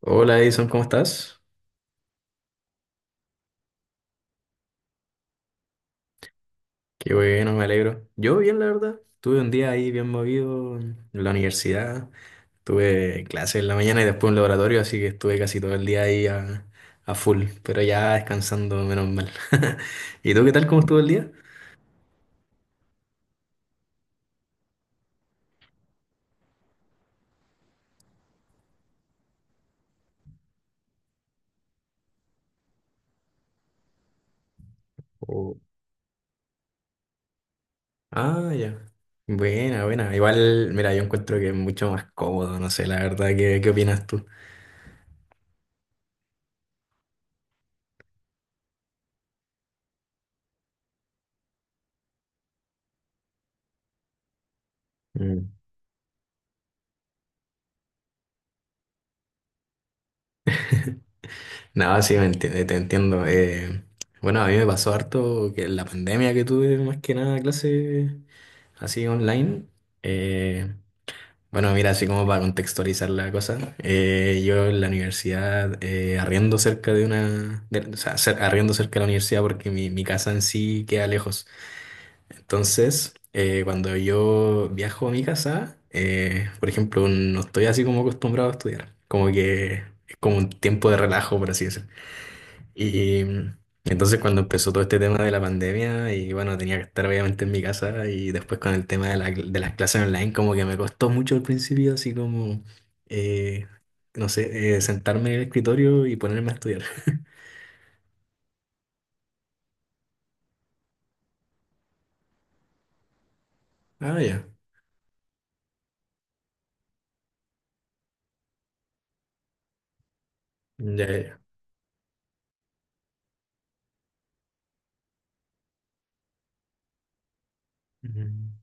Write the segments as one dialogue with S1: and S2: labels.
S1: Hola Edison, ¿cómo estás? Qué bueno, me alegro. Yo bien, la verdad. Tuve un día ahí bien movido en la universidad. Tuve clases en la mañana y después un laboratorio, así que estuve casi todo el día ahí a full, pero ya descansando, menos mal. ¿Y tú qué tal? ¿Cómo estuvo el día? Oh. Ah, ya. Buena, buena. Igual, mira, yo encuentro que es mucho más cómodo, no sé, la verdad, ¿qué opinas tú? Mm. Nada, sí, te entiendo. Bueno, a mí me pasó harto que en la pandemia que tuve más que nada clase así online. eh, bueno, mira, así como para contextualizar la cosa, yo en la universidad arriendo cerca de o sea, arriendo cerca de la universidad porque mi casa en sí queda lejos. Entonces, cuando yo viajo a mi casa, por ejemplo, no estoy así como acostumbrado a estudiar. Como que es como un tiempo de relajo, por así decirlo. Y entonces cuando empezó todo este tema de la pandemia y bueno, tenía que estar obviamente en mi casa y después con el tema de las clases online como que me costó mucho al principio, así como, eh, no sé, sentarme en el escritorio y ponerme a estudiar. Ah, ya. Ya, ya, ya. Mm.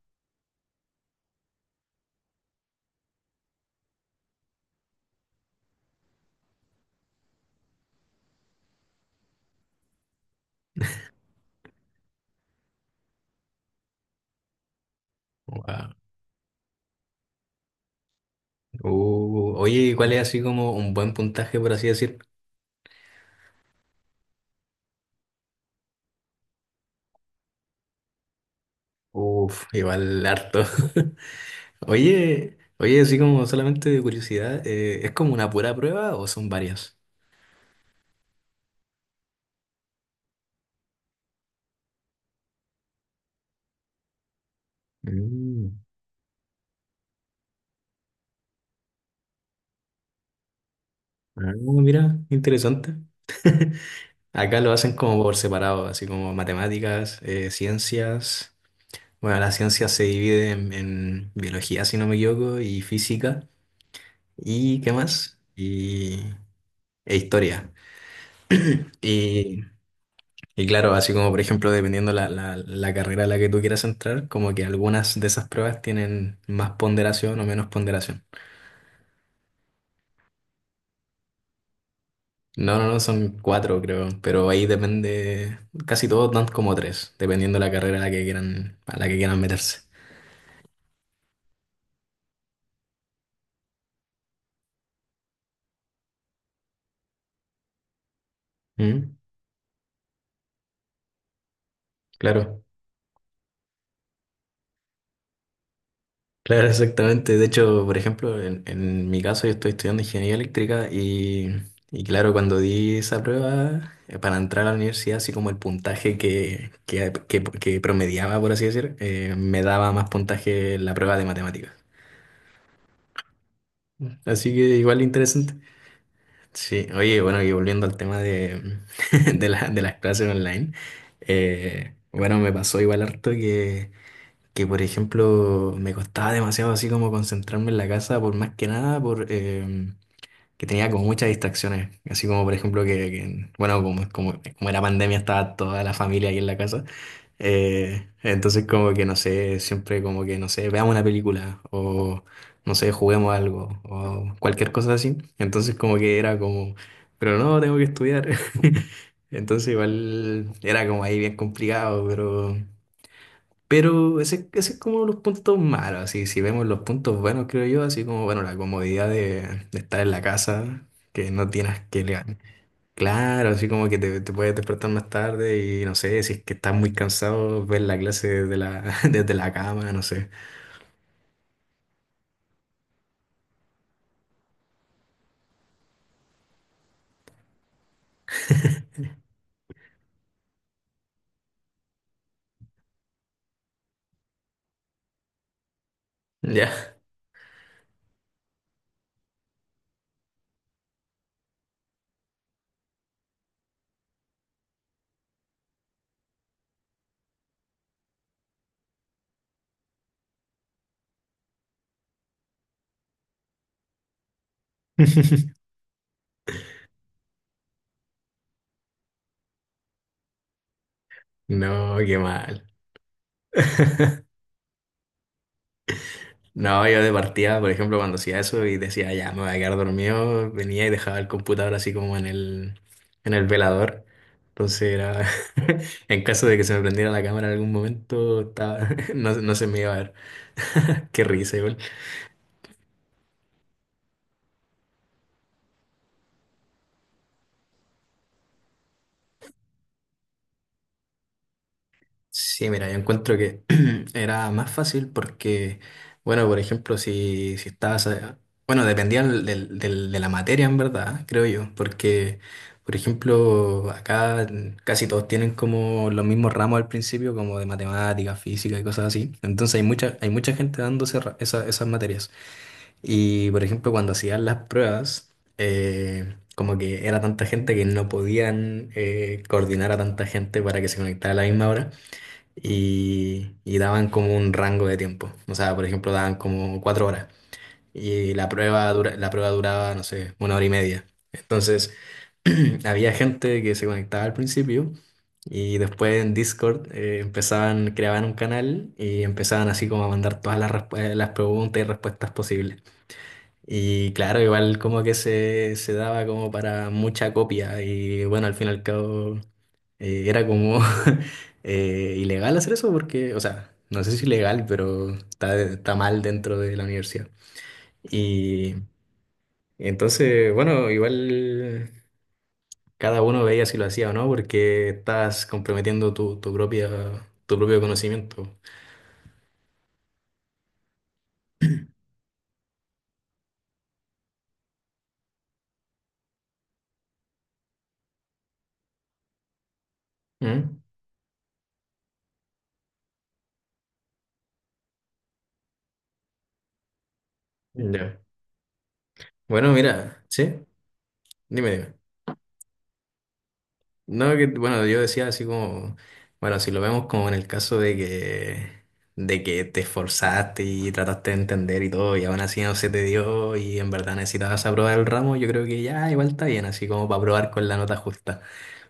S1: Guau. Oye, ¿cuál es así como un buen puntaje, por así decir? Uf, igual harto. Oye, oye, así como solamente de curiosidad, ¿es como una pura prueba o son varias? Mm. Ah, mira, interesante. Acá lo hacen como por separado, así como matemáticas, ciencias. Bueno, la ciencia se divide en biología, si no me equivoco, y física, y qué más, e historia. Y, y claro, así como por ejemplo, dependiendo la carrera a la que tú quieras entrar, como que algunas de esas pruebas tienen más ponderación o menos ponderación. No, no, no, son cuatro creo, pero ahí depende, casi todos dan como tres, dependiendo de la carrera a la que quieran, a la que quieran meterse. Mm. Claro, claro, exactamente. De hecho, por ejemplo, en mi caso yo estoy estudiando ingeniería eléctrica y claro, cuando di esa prueba para entrar a la universidad, así como el puntaje que promediaba, por así decir, me daba más puntaje la prueba de matemáticas. Así que igual interesante. Sí, oye, bueno, y volviendo al tema de, de las clases online, bueno, me pasó igual harto que, por ejemplo, me costaba demasiado así como concentrarme en la casa, por más que nada, por que tenía como muchas distracciones, así como por ejemplo bueno, como era pandemia, estaba toda la familia ahí en la casa, entonces como que no sé, siempre como que no sé, veamos una película o no sé, juguemos algo o cualquier cosa así. Entonces como que era como, pero no, tengo que estudiar. Entonces igual era como ahí bien complicado, pero ese es como los puntos malos, así si vemos los puntos buenos creo yo, así como bueno, la comodidad de estar en la casa, que no tienes que leer. Claro, así como que te puedes despertar más tarde y no sé, si es que estás muy cansado, ver la clase desde la, desde la cama, no sé. Ya. No, qué mal. No, yo de partida, por ejemplo, cuando hacía eso y decía, ya, me voy a quedar dormido, venía y dejaba el computador así como en el velador. Entonces era, en caso de que se me prendiera la cámara en algún momento, no, no se me iba a ver. Qué risa, igual. Sí, mira, yo encuentro que era más fácil porque, bueno, por ejemplo, si estabas, bueno, dependía de la materia en verdad, creo yo, porque, por ejemplo, acá casi todos tienen como los mismos ramos al principio, como de matemáticas, física y cosas así. Entonces hay mucha gente dando esas materias. Y, por ejemplo, cuando hacían las pruebas, como que era tanta gente que no podían coordinar a tanta gente para que se conectara a la misma hora y daban como un rango de tiempo. O sea, por ejemplo, daban como 4 horas y la prueba, la prueba duraba, no sé, 1 hora y media. Entonces, había gente que se conectaba al principio y después en Discord empezaban, creaban un canal y empezaban así como a mandar todas las preguntas y respuestas posibles. Y claro, igual como que se daba como para mucha copia y bueno, al fin y al cabo era como ilegal hacer eso porque, o sea, no sé si ilegal, pero está mal dentro de la universidad. Y entonces, bueno, igual cada uno veía si lo hacía o no porque estás comprometiendo tu propio conocimiento. ¿Mm? Ya. Bueno, mira, sí, dime, dime. No, que, bueno, yo decía así como, bueno, si lo vemos como en el caso de que te esforzaste y trataste de entender y todo, y aún así no se te dio y en verdad necesitabas aprobar el ramo, yo creo que ya igual está bien, así como para aprobar con la nota justa,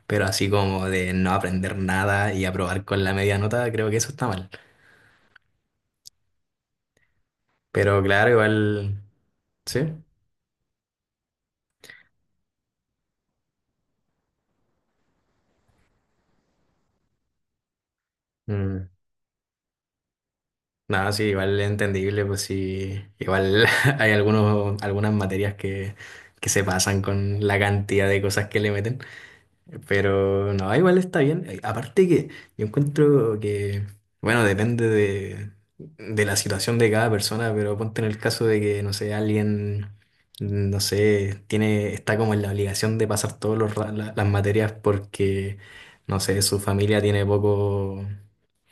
S1: pero así como de no aprender nada y aprobar con la media nota, creo que eso está mal. Pero claro, igual, sí. Mm. Nada, sí, igual es entendible, pues sí, igual hay algunas materias que se pasan con la cantidad de cosas que le meten, pero no, igual está bien. Aparte que yo encuentro que, bueno, depende de la situación de cada persona, pero ponte en el caso de que, no sé, alguien, no sé, está como en la obligación de pasar todas las materias porque, no sé, su familia tiene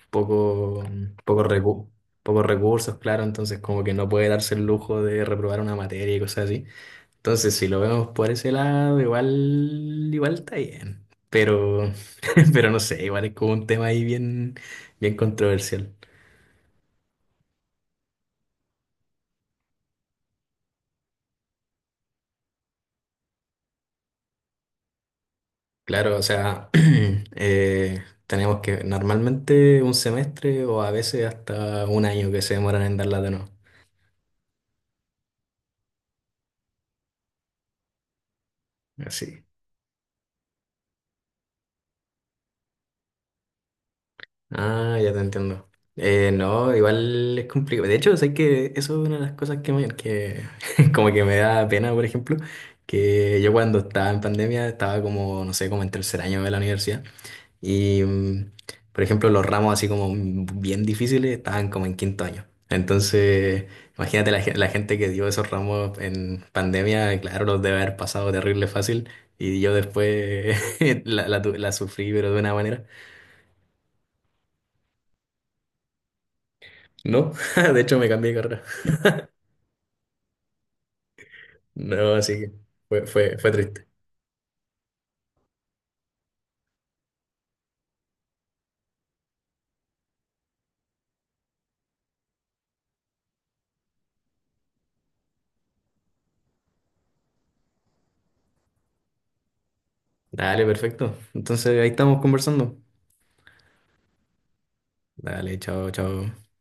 S1: poco, mm, poco recu- pocos recursos, claro, entonces como que no puede darse el lujo de reprobar una materia y cosas así. Entonces, si lo vemos por ese lado, igual, igual está bien. Pero, pero no sé, igual es como un tema ahí bien, bien controversial. Claro, o sea, tenemos que normalmente un semestre o a veces hasta un año que se demoran en darla de nuevo. Así. Ah, ya te entiendo. No, igual es complicado. De hecho, sé que eso es una de las cosas que como que me da pena, por ejemplo, que yo cuando estaba en pandemia estaba como, no sé, como en tercer año de la universidad y, por ejemplo, los ramos así como bien difíciles estaban como en quinto año. Entonces, imagínate la gente que dio esos ramos en pandemia, claro, los debe haber pasado terrible fácil y yo después la sufrí, pero de una manera. No, de hecho me cambié de carrera. No, así que fue triste. Dale, perfecto. Entonces ahí estamos conversando. Dale, chao, chao.